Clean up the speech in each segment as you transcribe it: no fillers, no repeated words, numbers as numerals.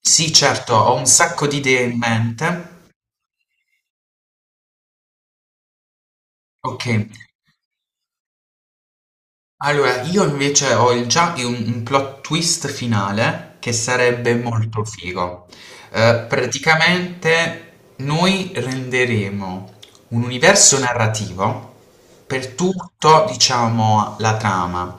Sì certo, ho un sacco di idee in mente. Ok. Allora, io invece ho già un plot twist finale che sarebbe molto figo. Praticamente noi renderemo un universo narrativo per tutto, diciamo, la trama.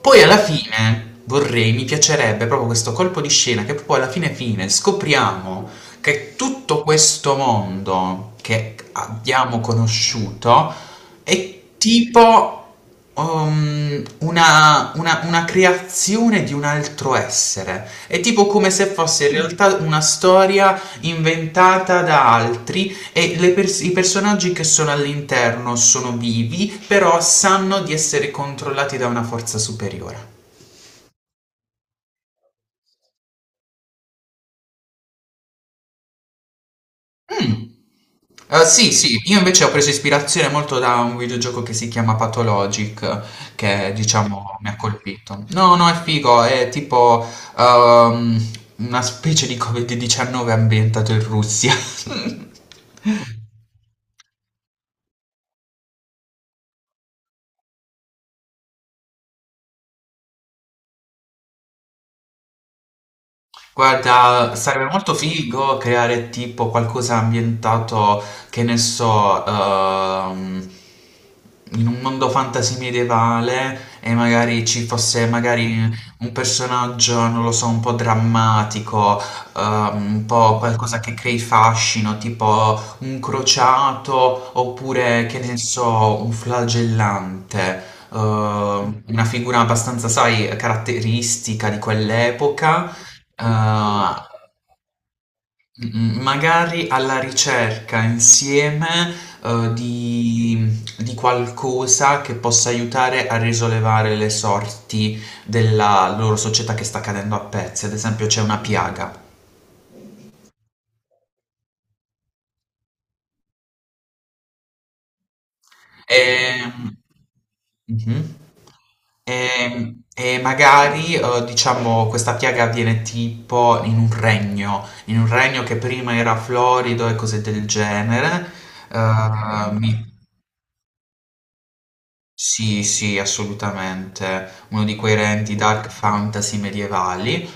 Poi alla fine vorrei, mi piacerebbe proprio questo colpo di scena che poi alla fine fine scopriamo che tutto questo mondo che abbiamo conosciuto è tipo una creazione di un altro essere. È tipo come se fosse in realtà una storia inventata da altri e i personaggi che sono all'interno sono vivi, però sanno di essere controllati da una forza superiore. Mm. Sì, sì, io invece ho preso ispirazione molto da un videogioco che si chiama Pathologic, che diciamo mi ha colpito. No, no, è figo, è tipo ehm, una specie di Covid-19 ambientato in Russia. Guarda, sarebbe molto figo creare tipo qualcosa ambientato, che ne so, in un mondo fantasy medievale e magari ci fosse magari un personaggio, non lo so, un po' drammatico, un po' qualcosa che crei fascino, tipo un crociato oppure, che ne so, un flagellante. Una figura abbastanza, sai, caratteristica di quell'epoca. Ah, magari alla ricerca insieme di qualcosa che possa aiutare a risollevare le sorti della loro società che sta cadendo a pezzi. Ad esempio, c'è una piaga. Ehm, mhm. E magari, diciamo, questa piaga avviene tipo in un regno che prima era florido e cose del genere. Ok. Sì, sì, assolutamente. Uno di quei renti dark fantasy medievali.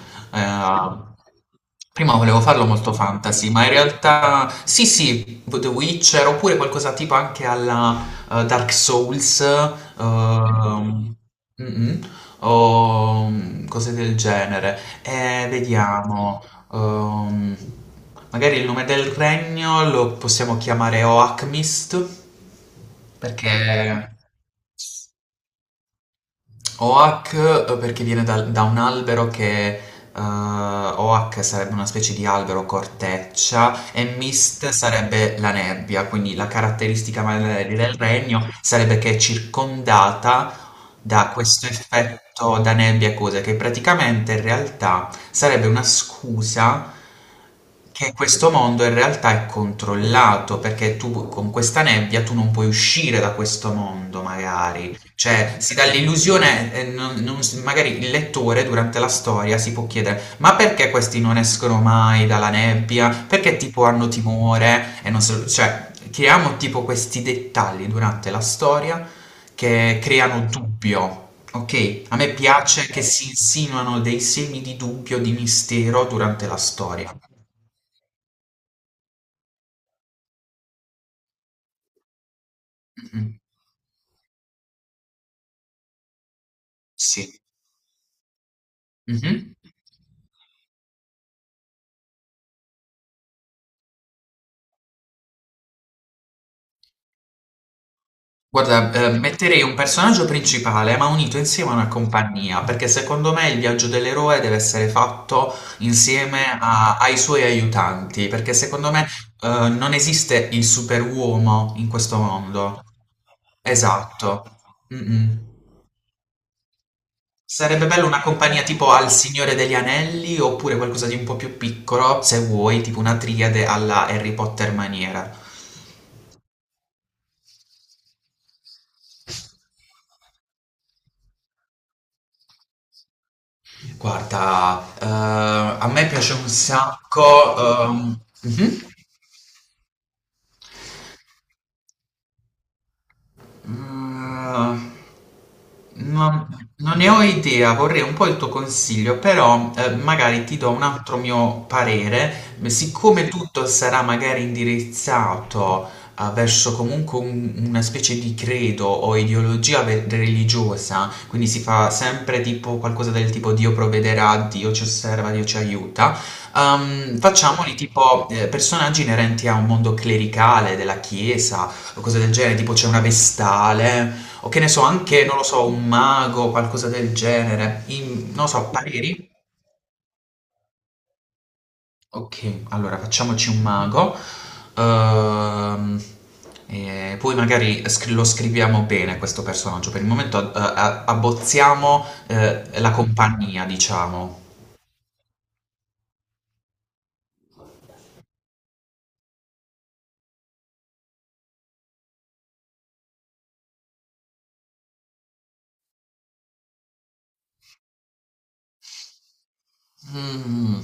Prima volevo farlo molto fantasy, ma in realtà sì, sì, The Witcher oppure qualcosa tipo anche alla Dark Souls, mm-mm, o cose del genere. Vediamo. ehm, magari il nome del regno lo possiamo chiamare Oakmist, perché Oak, perché viene da un albero che Oak sarebbe una specie di albero corteccia e Mist sarebbe la nebbia, quindi la caratteristica magari del regno sarebbe che è circondata da questo effetto da nebbia e cose che praticamente in realtà sarebbe una scusa che questo mondo in realtà è controllato perché tu con questa nebbia tu non puoi uscire da questo mondo magari, cioè, si dà l'illusione. Non- non s- Magari il lettore durante la storia si può chiedere, ma perché questi non escono mai dalla nebbia? Perché tipo hanno timore? E non so, cioè, creiamo tipo questi dettagli durante la storia che creano dubbio, ok? A me piace che si insinuano dei semi di dubbio, di mistero durante la storia. Mm, sì. Mhm. Guarda, metterei un personaggio principale, ma unito insieme a una compagnia, perché secondo me il viaggio dell'eroe deve essere fatto insieme a- ai suoi aiutanti, perché secondo me, non esiste il superuomo in questo mondo. Esatto. Mm-mm. Sarebbe bello una compagnia tipo al Signore degli Anelli oppure qualcosa di un po' più piccolo, se vuoi, tipo una triade alla Harry Potter maniera. Guarda, a me piace un sacco. Mhm. Mm, non, non ne ho idea, vorrei un po' il tuo consiglio, però magari ti do un altro mio parere, ma siccome tutto sarà magari indirizzato verso comunque una specie di credo o ideologia religiosa, quindi si fa sempre tipo qualcosa del tipo Dio provvederà, Dio ci osserva, Dio ci aiuta, facciamoli tipo personaggi inerenti a un mondo clericale, della chiesa o cose del genere, tipo c'è una vestale, o che ne so, anche, non lo so, un mago, qualcosa del genere. Non lo so, pareri? Ok, allora facciamoci un mago. Ehm, e poi magari lo scriviamo bene questo personaggio. Per il momento abbozziamo la compagnia, diciamo. Mm.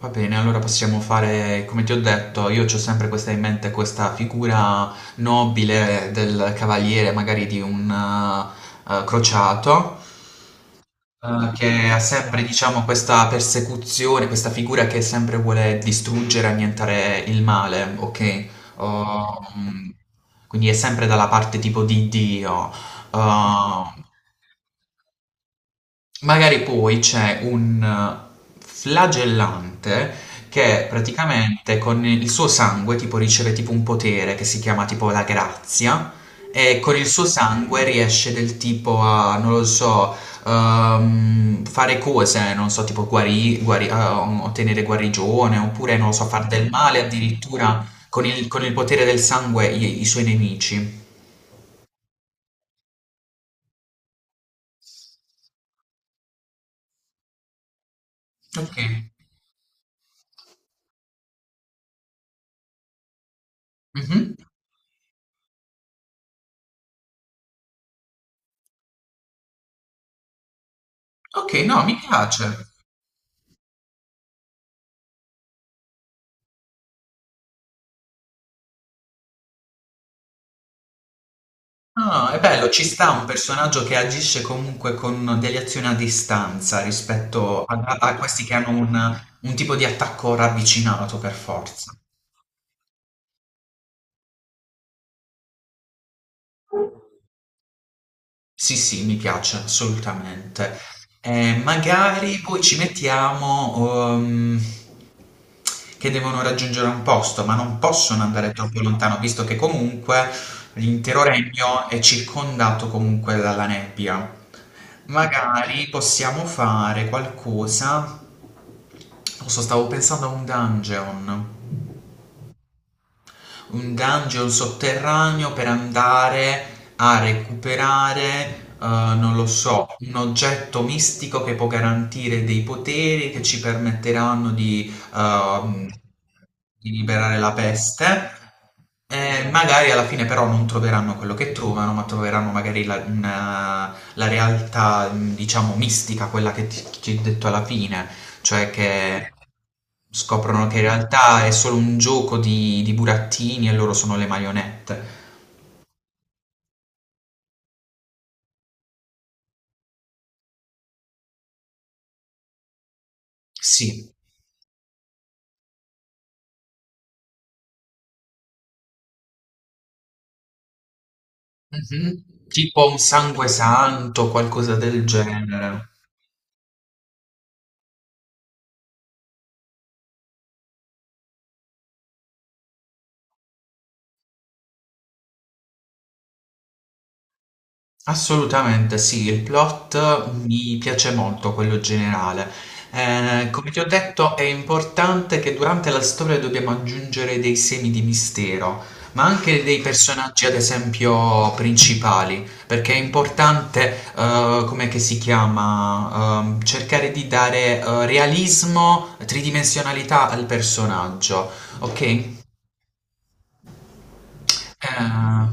Va bene, allora possiamo fare, come ti ho detto, io ho sempre questa in mente, questa figura nobile del cavaliere, magari di un crociato, che ha sempre, diciamo, questa persecuzione, questa figura che sempre vuole distruggere, annientare il male, ok? Oh, quindi è sempre dalla parte tipo di Dio. Oh, magari poi c'è un flagellante che praticamente con il suo sangue tipo riceve tipo un potere che si chiama tipo la grazia e con il suo sangue riesce del tipo a, non lo so, fare cose, non so, tipo ottenere guarigione oppure non lo so, far del male addirittura con il potere del sangue i suoi nemici. Ok. Mhm. Ok, no, mi piace. Ah, è bello, ci sta un personaggio che agisce comunque con delle azioni a distanza rispetto a questi che hanno un tipo di attacco ravvicinato per forza. Sì, sì, mi piace assolutamente. Magari poi ci mettiamo che devono raggiungere un posto, ma non possono andare troppo lontano, visto che comunque l'intero regno è circondato comunque dalla nebbia. Magari possiamo fare qualcosa. Non so, stavo pensando a un dungeon sotterraneo per andare a recuperare, non lo so, un oggetto mistico che può garantire dei poteri che ci permetteranno di liberare la peste. E magari alla fine però non troveranno quello che trovano, ma troveranno magari la realtà, diciamo, mistica, quella che ti, ci ho detto alla fine, cioè che scoprono che in realtà è solo un gioco di burattini e loro sono le marionette. Sì, mhm. Tipo un sangue santo, qualcosa del genere. Assolutamente sì, il plot mi piace molto, quello generale. Come ti ho detto, è importante che durante la storia dobbiamo aggiungere dei semi di mistero, ma anche dei personaggi, ad esempio, principali, perché è importante, come che si chiama, cercare di dare, realismo, tridimensionalità al personaggio, ok? Eh,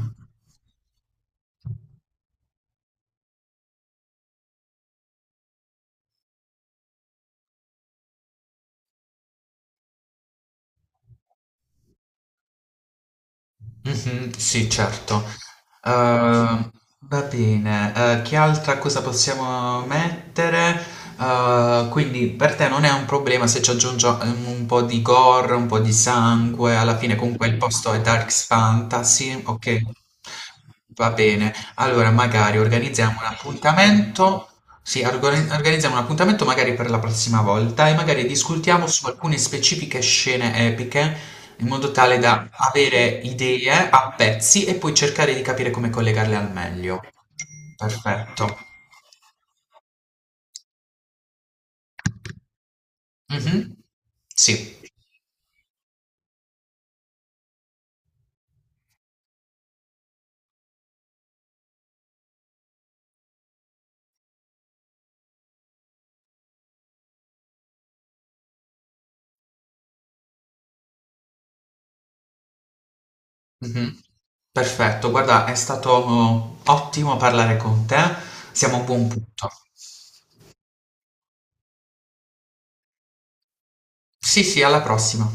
Mhm, sì, certo. Ehm, va bene, che altra cosa possiamo mettere? Quindi per te non è un problema se ci aggiungo un po' di gore, un po' di sangue, alla fine comunque il posto è Dark Fantasy, ok? Va bene, allora magari organizziamo un appuntamento, sì, organizziamo un appuntamento magari per la prossima volta e magari discutiamo su alcune specifiche scene epiche in modo tale da avere idee a pezzi e poi cercare di capire come collegarle al meglio. Perfetto. Mh-mh. Sì. Mh-mh. Perfetto, guarda, è stato ottimo parlare con te. Siamo a un buon punto. Sì, sì, alla prossima.